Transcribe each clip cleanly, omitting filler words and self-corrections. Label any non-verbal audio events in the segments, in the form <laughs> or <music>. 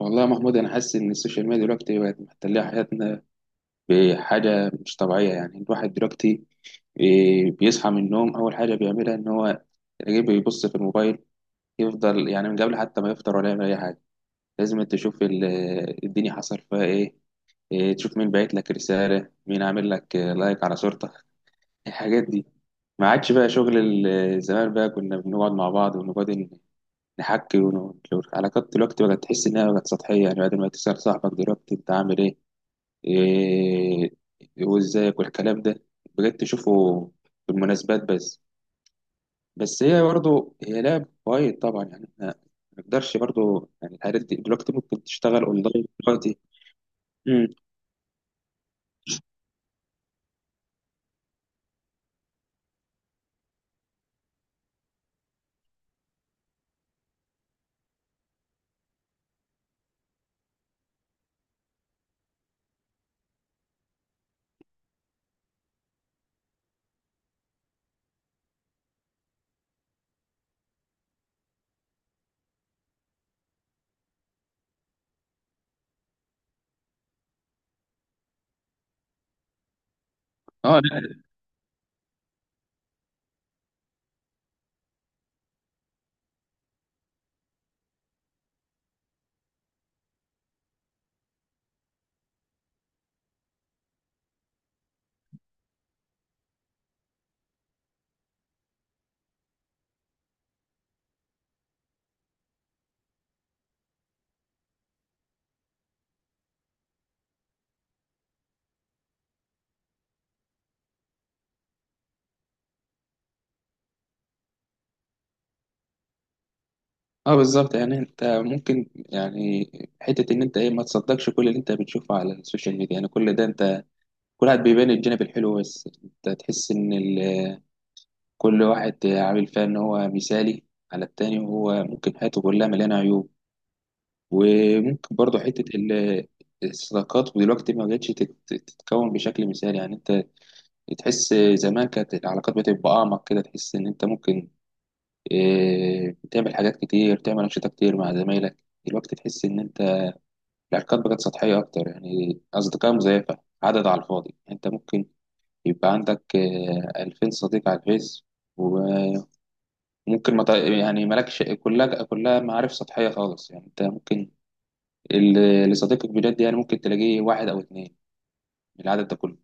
والله يا محمود، انا حاسس ان السوشيال ميديا دلوقتي بقت محتله حياتنا بحاجه مش طبيعيه. يعني الواحد دلوقتي بيصحى من النوم اول حاجه بيعملها ان هو يجي بيبص في الموبايل. يفضل يعني من قبل حتى ما يفطر ولا يعمل اي حاجه. لازم أنت تشوف الدنيا حصل فيها ايه. تشوف مين باعت لك رساله، مين عامل لك لايك على صورتك، الحاجات دي. ما عادش بقى شغل زمان. بقى كنا بنقعد مع بعض ونقعد نحكي العلاقات دلوقتي بقت تحس انها بقت سطحيه. يعني بعد ما تسال صاحبك دلوقتي انت عامل ايه، إيه وازيك والكلام ده، بقيت تشوفه في المناسبات بس. بس هي برضه هي لعب وايد طبعا. يعني احنا ما نقدرش، برضه يعني الحاجات دي دلوقتي ممكن تشتغل اونلاين دلوقتي. امم. اه، لا. اه، بالظبط. يعني انت ممكن، يعني حته ان انت ايه، ما تصدقش كل اللي انت بتشوفه على السوشيال ميديا. يعني كل ده، انت كل واحد بيبان الجانب الحلو بس. انت تحس ان كل واحد عامل فيها ان هو مثالي على التاني، وهو ممكن حياته كلها مليانه عيوب. وممكن برضه حته الصداقات ودلوقتي ما بقتش تتكون بشكل مثالي. يعني انت تحس زمان كانت العلاقات بتبقى اعمق كده. تحس ان انت ممكن تعمل حاجات كتير، تعمل انشطه كتير مع زمايلك. دلوقتي تحس ان انت العلاقات بقت سطحيه اكتر. يعني اصدقاء مزيفه، عدد على الفاضي. انت ممكن يبقى عندك 2000 صديق على الفيس، ممكن ما تع- يعني مالكش، كلها كلها معارف سطحية خالص. يعني انت ممكن اللي صديقك بجد يعني ممكن تلاقيه واحد او اتنين من العدد ده كله.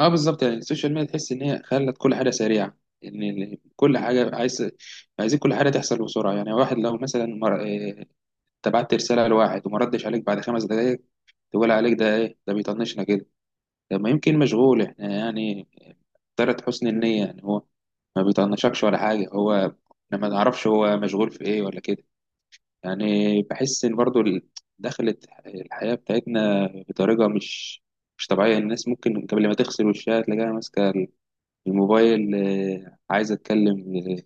اه، بالظبط. يعني السوشيال ميديا تحس ان هي خلت كل حاجة سريعة. ان كل حاجة عايزين كل حاجة تحصل بسرعة. يعني واحد لو مثلا مر... اه، انت بعت رسالة لواحد وما ردش عليك بعد 5 دقايق، تقول عليك ده ايه، ده بيطنشنا كده. طب ما يمكن مشغول، احنا يعني طرت حسن النية. يعني هو ما بيطنشكش ولا حاجة، هو احنا ما نعرفش هو مشغول في ايه ولا كده، يعني. بحس ان برضو دخلت الحياة بتاعتنا بطريقة مش طبيعية. الناس ممكن قبل ما تغسل وشها تلاقيها ماسكة الموبايل. عايزة تكلم،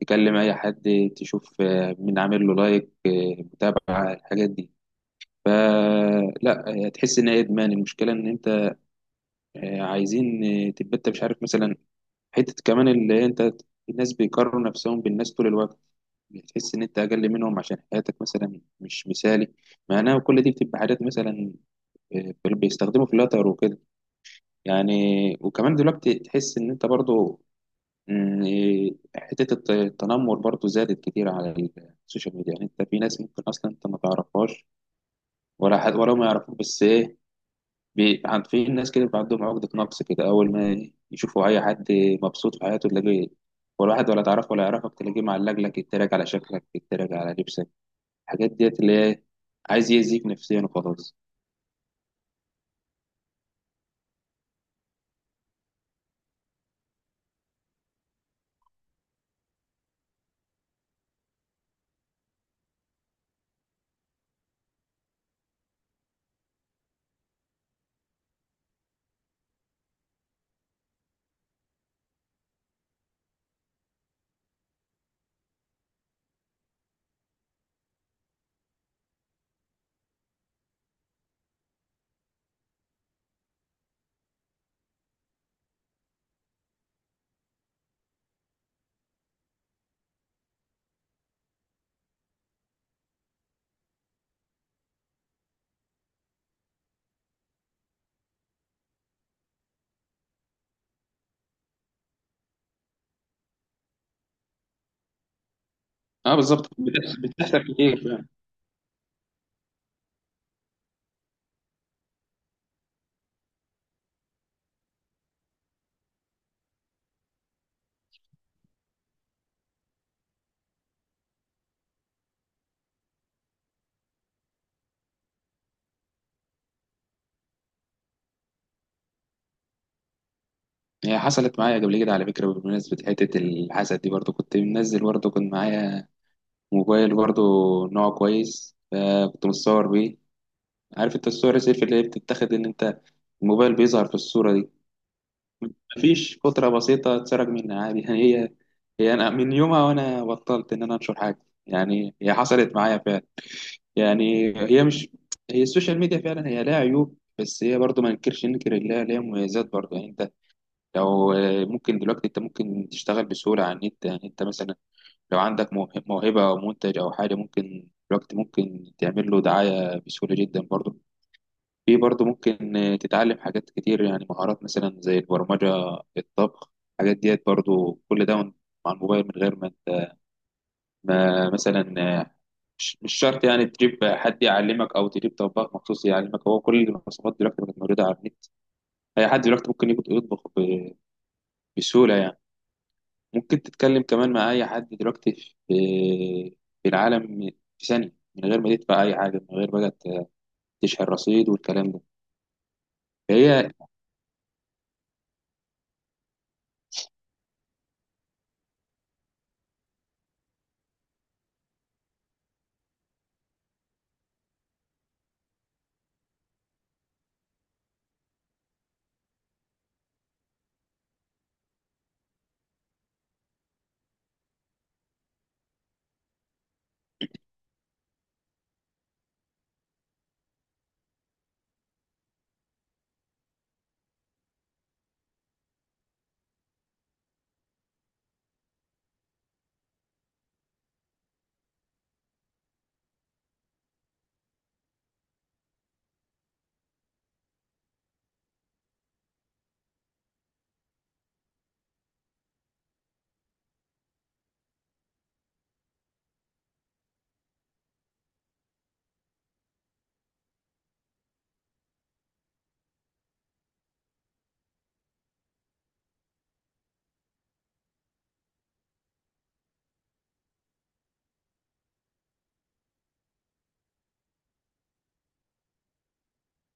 تكلم أي حد، تشوف مين عامل له لايك، متابعة الحاجات دي. فلا، تحس إن هي إدمان. المشكلة إن أنت عايزين تبقى أنت مش عارف، مثلا حتة كمان اللي أنت، الناس بيقارنوا نفسهم بالناس طول الوقت. بتحس ان انت اقل منهم عشان حياتك مثلا مش مثالي. معناها كل دي بتبقى حاجات، مثلا بيستخدموا فلاتر وكده يعني. وكمان دلوقتي تحس ان انت برضو حتة التنمر برضو زادت كتير على السوشيال ميديا. يعني انت في ناس ممكن اصلا انت ما تعرفهاش ولا حد، ولا ما يعرفوك، بس ايه، في ناس كده بيبقى عندهم عقدة نقص كده. اول ما يشوفوا اي حد مبسوط في حياته تلاقيه، ولا واحد ولا تعرفه ولا يعرفك، تلاقيه معلق لك يتريق على شكلك، يتريق على لبسك، الحاجات ديت اللي هي عايز يأذيك نفسيا وخلاص. اه، بالظبط، بتحصل بتحصل كتير فعلا. هي حصلت معايا قبل كده على فكرة. بمناسبة حتة الحسد دي، برضو كنت منزل، برضو كان معايا موبايل، برضو نوع كويس، فكنت متصور بيه. عارف انت الصور السيلفي اللي هي بتتاخد ان انت الموبايل بيظهر في الصورة دي؟ مفيش فترة بسيطة، اتسرق منها عادي <laughs> يعني هي، هي انا من يومها وانا بطلت ان انا انشر حاجة. يعني هي حصلت معايا فعلا. يعني هي مش هي السوشيال ميديا فعلا هي لها عيوب، بس هي برضه ما ننكرش ننكر إن ليها مميزات برضه. يعني انت لو ممكن دلوقتي انت ممكن تشتغل بسهولة على النت. يعني انت مثلا لو عندك موهبة او منتج او حاجة، ممكن دلوقتي ممكن تعمل له دعاية بسهولة جدا برضه. في برضه ممكن تتعلم حاجات كتير، يعني مهارات مثلا زي البرمجة، الطبخ، الحاجات ديت برضه. كل ده مع الموبايل من غير ما انت، ما مثلا آه، مش شرط يعني تجيب حد يعلمك او تجيب طباخ مخصوص يعلمك. هو كل الوصفات دلوقتي بقت موجوده على النت. اي حد دلوقتي ممكن يجي يطبخ بسهوله يعني. ممكن تتكلم كمان مع اي حد دلوقتي في في العالم، في ثانيه، من غير ما تدفع اي حاجه، من غير بقى تشحن رصيد والكلام ده. فهي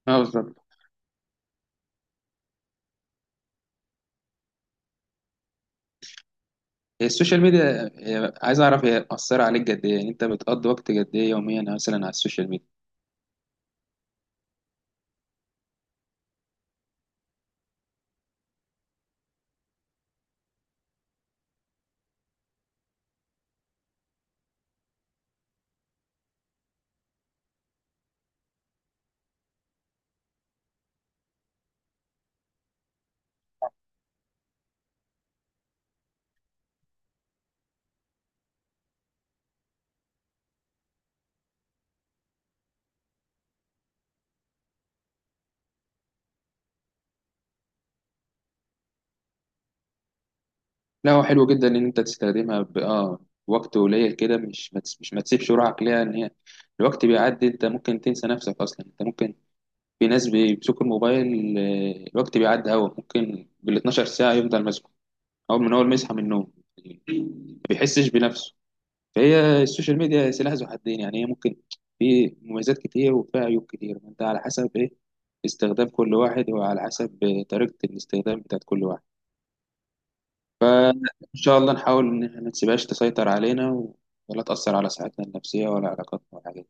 اه، بالظبط. هي السوشيال ميديا عايز اعرف هي مأثره عليك قد ايه. يعني انت بتقضي وقت قد ايه يوميا مثلا على السوشيال ميديا؟ لا، هو حلو جدا ان انت تستخدمها ب... اه وقت قليل كده، مش ما تس- مش ما تسيبش روحك ليها ان هي الوقت بيعدي. انت ممكن تنسى نفسك اصلا. انت ممكن، في ناس بيمسكوا الموبايل الوقت بيعدي، هوا ممكن بال 12 ساعة يفضل ماسكه اول ما يصحى من النوم ما بيحسش بنفسه. فهي السوشيال ميديا سلاح ذو حدين. يعني هي ممكن، في مميزات كتير وفيها عيوب كتير. انت على حسب ايه استخدام كل واحد، وعلى حسب طريقة الاستخدام بتاعت كل واحد. إن شاء الله نحاول إن إحنا ما تسيبهاش تسيطر علينا، ولا تأثر على صحتنا النفسية ولا علاقاتنا ولا حاجة.